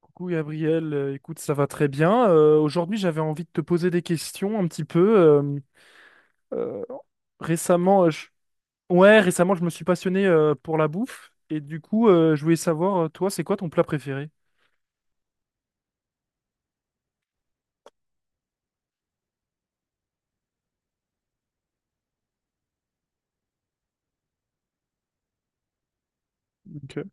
Coucou Gabriel, écoute, ça va très bien. Aujourd'hui, j'avais envie de te poser des questions un petit peu. Euh, récemment, euh, je... ouais, récemment, je me suis passionné pour la bouffe, et du coup, je voulais savoir, toi, c'est quoi ton plat préféré? Ok.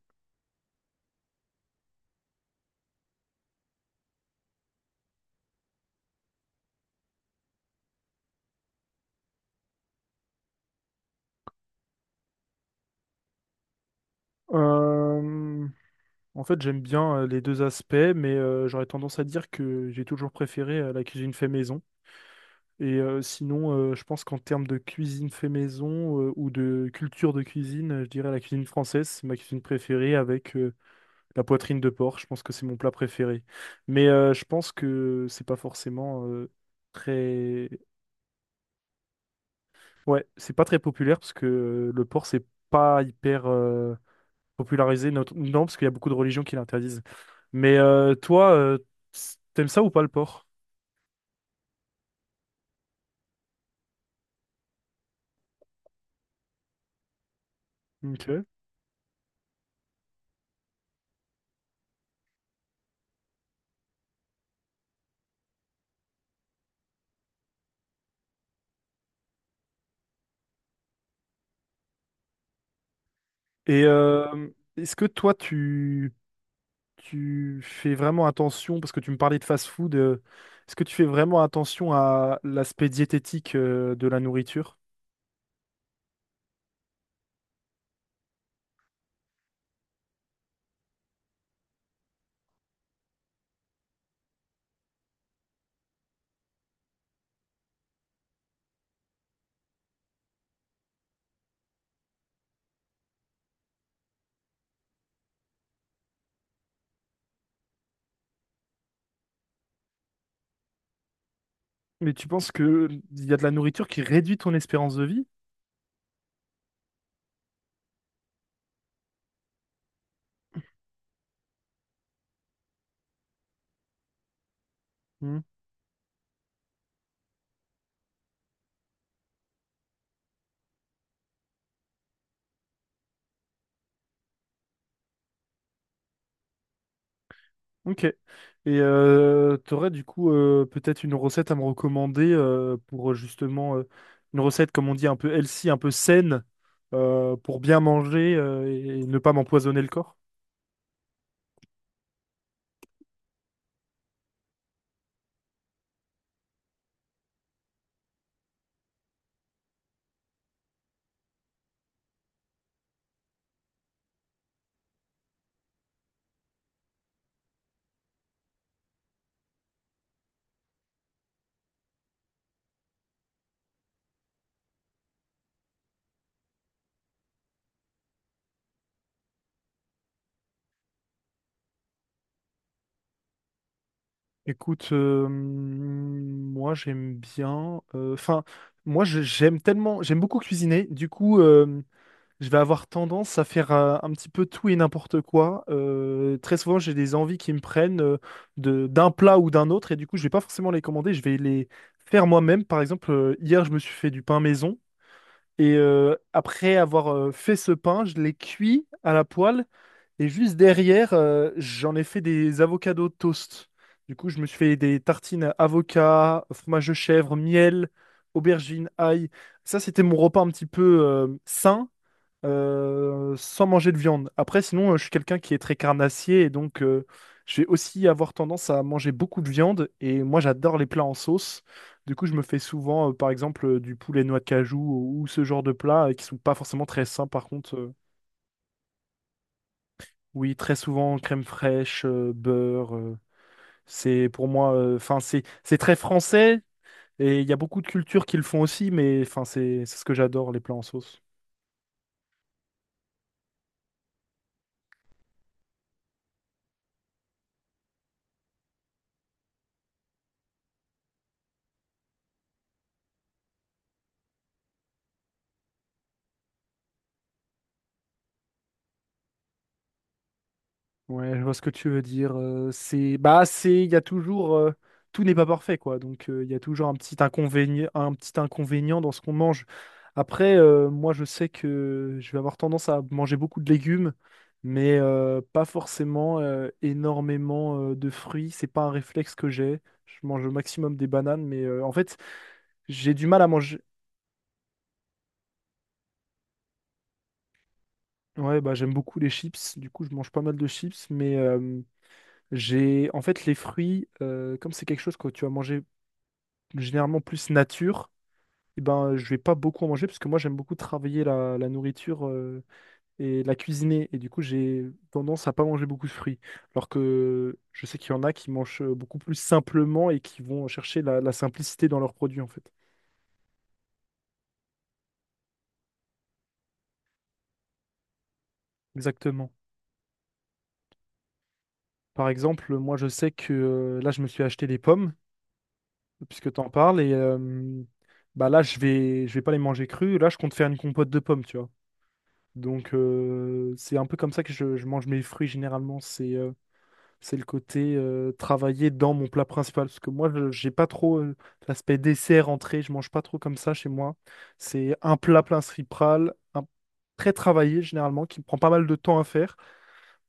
Euh, En fait, j'aime bien les deux aspects, mais j'aurais tendance à dire que j'ai toujours préféré la cuisine fait maison. Et sinon, je pense qu'en termes de cuisine fait maison ou de culture de cuisine, je dirais la cuisine française, c'est ma cuisine préférée avec la poitrine de porc. Je pense que c'est mon plat préféré. Mais je pense que c'est pas forcément très. Ouais, c'est pas très populaire parce que le porc, c'est pas hyper popularisé. Non, parce qu'il y a beaucoup de religions qui l'interdisent. Mais toi, t'aimes ça ou pas le porc? Ok. Et est-ce que toi, tu fais vraiment attention, parce que tu me parlais de fast-food, est-ce que tu fais vraiment attention à l'aspect diététique de la nourriture? Mais tu penses que il y a de la nourriture qui réduit ton espérance de vie? Hmm, ok. Et t'aurais du coup peut-être une recette à me recommander pour justement une recette, comme on dit, un peu healthy, un peu saine, pour bien manger et ne pas m'empoisonner le corps? Écoute, moi j'aime bien. Enfin, j'aime beaucoup cuisiner. Du coup, je vais avoir tendance à faire un petit peu tout et n'importe quoi. Très souvent, j'ai des envies qui me prennent de d'un plat ou d'un autre, et du coup, je vais pas forcément les commander. Je vais les faire moi-même. Par exemple, hier, je me suis fait du pain maison, et après avoir fait ce pain, je l'ai cuit à la poêle. Et juste derrière, j'en ai fait des avocados toast. Du coup, je me suis fait des tartines avocat, fromage de chèvre, miel, aubergine, ail. Ça, c'était mon repas un petit peu sain, sans manger de viande. Après, sinon, je suis quelqu'un qui est très carnassier, et donc je vais aussi avoir tendance à manger beaucoup de viande. Et moi, j'adore les plats en sauce. Du coup, je me fais souvent, par exemple, du poulet noix de cajou, ou ce genre de plats qui sont pas forcément très sains, par contre. Oui, très souvent crème fraîche, beurre. C'est pour moi, enfin c'est très français, et il y a beaucoup de cultures qui le font aussi, mais enfin c'est ce que j'adore les plats en sauce. Ouais, je vois ce que tu veux dire. Bah, il y a toujours, tout n'est pas parfait, quoi. Donc, il y a toujours un petit inconvénient dans ce qu'on mange. Après, moi, je sais que je vais avoir tendance à manger beaucoup de légumes, mais pas forcément énormément de fruits. C'est pas un réflexe que j'ai. Je mange au maximum des bananes, mais en fait, j'ai du mal à manger. Ouais, bah, j'aime beaucoup les chips. Du coup, je mange pas mal de chips, mais j'ai en fait les fruits, comme c'est quelque chose que tu vas manger généralement plus nature, et ben je vais pas beaucoup en manger, parce que moi j'aime beaucoup travailler la nourriture et la cuisiner, et du coup j'ai tendance à pas manger beaucoup de fruits. Alors que je sais qu'il y en a qui mangent beaucoup plus simplement et qui vont chercher la simplicité dans leurs produits, en fait. Exactement. Par exemple, moi je sais que là je me suis acheté des pommes puisque t'en parles, et bah là je vais pas les manger crues. Là je compte faire une compote de pommes, tu vois. Donc c'est un peu comme ça que je mange mes fruits généralement. C'est le côté travailler dans mon plat principal. Parce que moi, j'ai pas trop l'aspect dessert, entrée. Je mange pas trop comme ça chez moi. C'est un plat principal, très travaillé généralement, qui prend pas mal de temps à faire.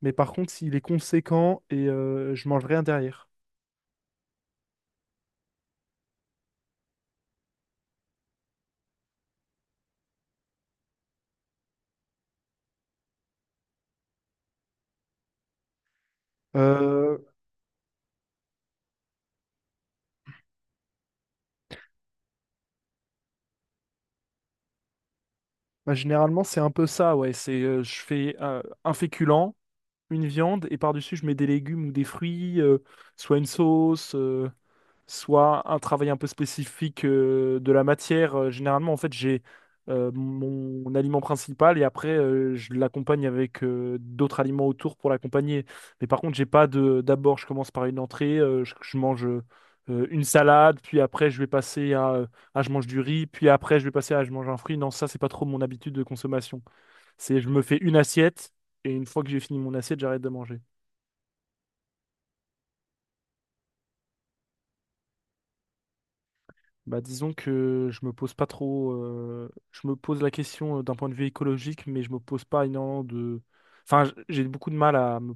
Mais par contre, s'il est conséquent, et je mange rien derrière. Euh, Bah, généralement, c'est un peu ça, ouais. C'est je fais un féculent, une viande, et par-dessus, je mets des légumes ou des fruits, soit une sauce, soit un travail un peu spécifique de la matière. Généralement, en fait, j'ai mon aliment principal, et après, je l'accompagne avec d'autres aliments autour pour l'accompagner. Mais par contre, j'ai pas de. D'abord, je commence par une entrée, je mange une salade, puis après, je vais passer à, je mange du riz, puis après, je vais passer à je mange un fruit. Non, ça, c'est pas trop mon habitude de consommation. C'est je me fais une assiette, et une fois que j'ai fini mon assiette, j'arrête de manger. Bah, disons que je me pose pas trop. Je me pose la question d'un point de vue écologique, mais je me pose pas énormément de. Enfin, j'ai beaucoup de mal à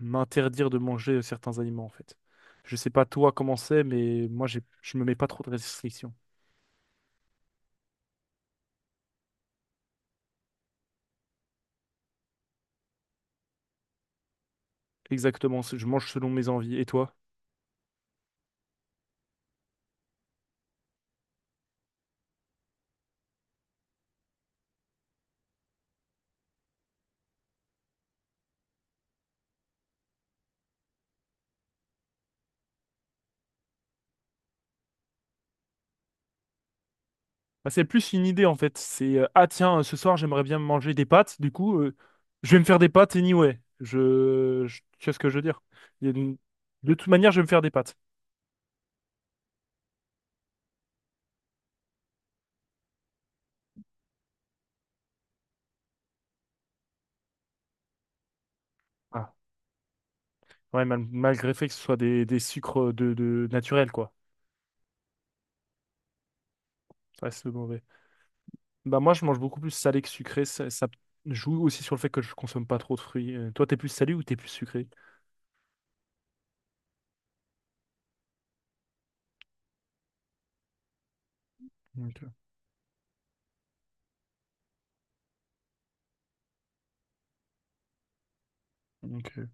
m'interdire de manger certains aliments, en fait. Je sais pas toi comment c'est, mais moi, je me mets pas trop de restrictions. Exactement, je mange selon mes envies. Et toi? Bah, c'est plus une idée, en fait. Ce soir, j'aimerais bien manger des pâtes. Du coup, je vais me faire des pâtes anyway. Tu vois ce que je veux dire? Il y a une- De toute manière, je vais me faire des pâtes. Ouais, malgré le fait que ce soit des sucres de naturels, quoi. Ça reste mauvais. Bah moi, je mange beaucoup plus salé que sucré. Ça joue aussi sur le fait que je consomme pas trop de fruits. Toi, t'es plus salé ou t'es plus sucré? Ok, ok.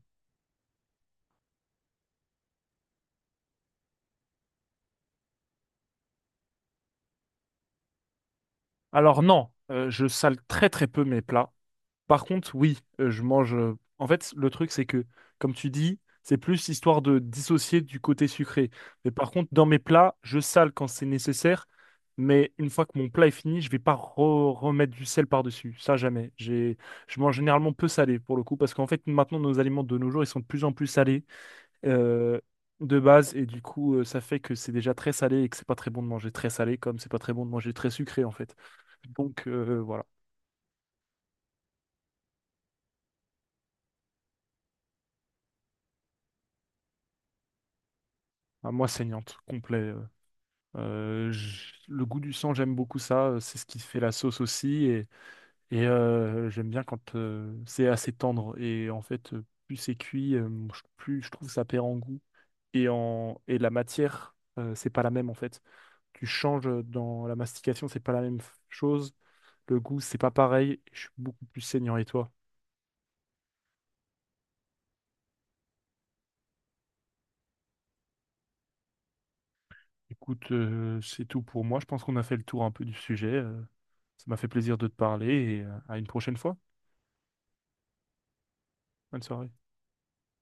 Alors non, je sale très très peu mes plats. Par contre, oui, je mange. En fait, le truc, c'est que, comme tu dis, c'est plus histoire de dissocier du côté sucré. Mais par contre, dans mes plats, je sale quand c'est nécessaire. Mais une fois que mon plat est fini, je vais pas remettre du sel par-dessus. Ça, jamais. Je mange généralement peu salé pour le coup, parce qu'en fait, maintenant, nos aliments de nos jours, ils sont de plus en plus salés euh, de base, et du coup, ça fait que c'est déjà très salé, et que c'est pas très bon de manger très salé, comme c'est pas très bon de manger très sucré, en fait. Donc, voilà, à moi saignante, complet. Le goût du sang, j'aime beaucoup ça. C'est ce qui fait la sauce aussi. J'aime bien quand c'est assez tendre. Et en fait, plus c'est cuit, plus je trouve ça perd en goût. Et la matière, c'est pas la même, en fait. Tu changes dans la mastication, c'est pas la même chose. Le goût, c'est pas pareil. Je suis beaucoup plus saignant. Et toi? Écoute, c'est tout pour moi. Je pense qu'on a fait le tour un peu du sujet. Ça m'a fait plaisir de te parler, et à une prochaine fois. Bonne soirée.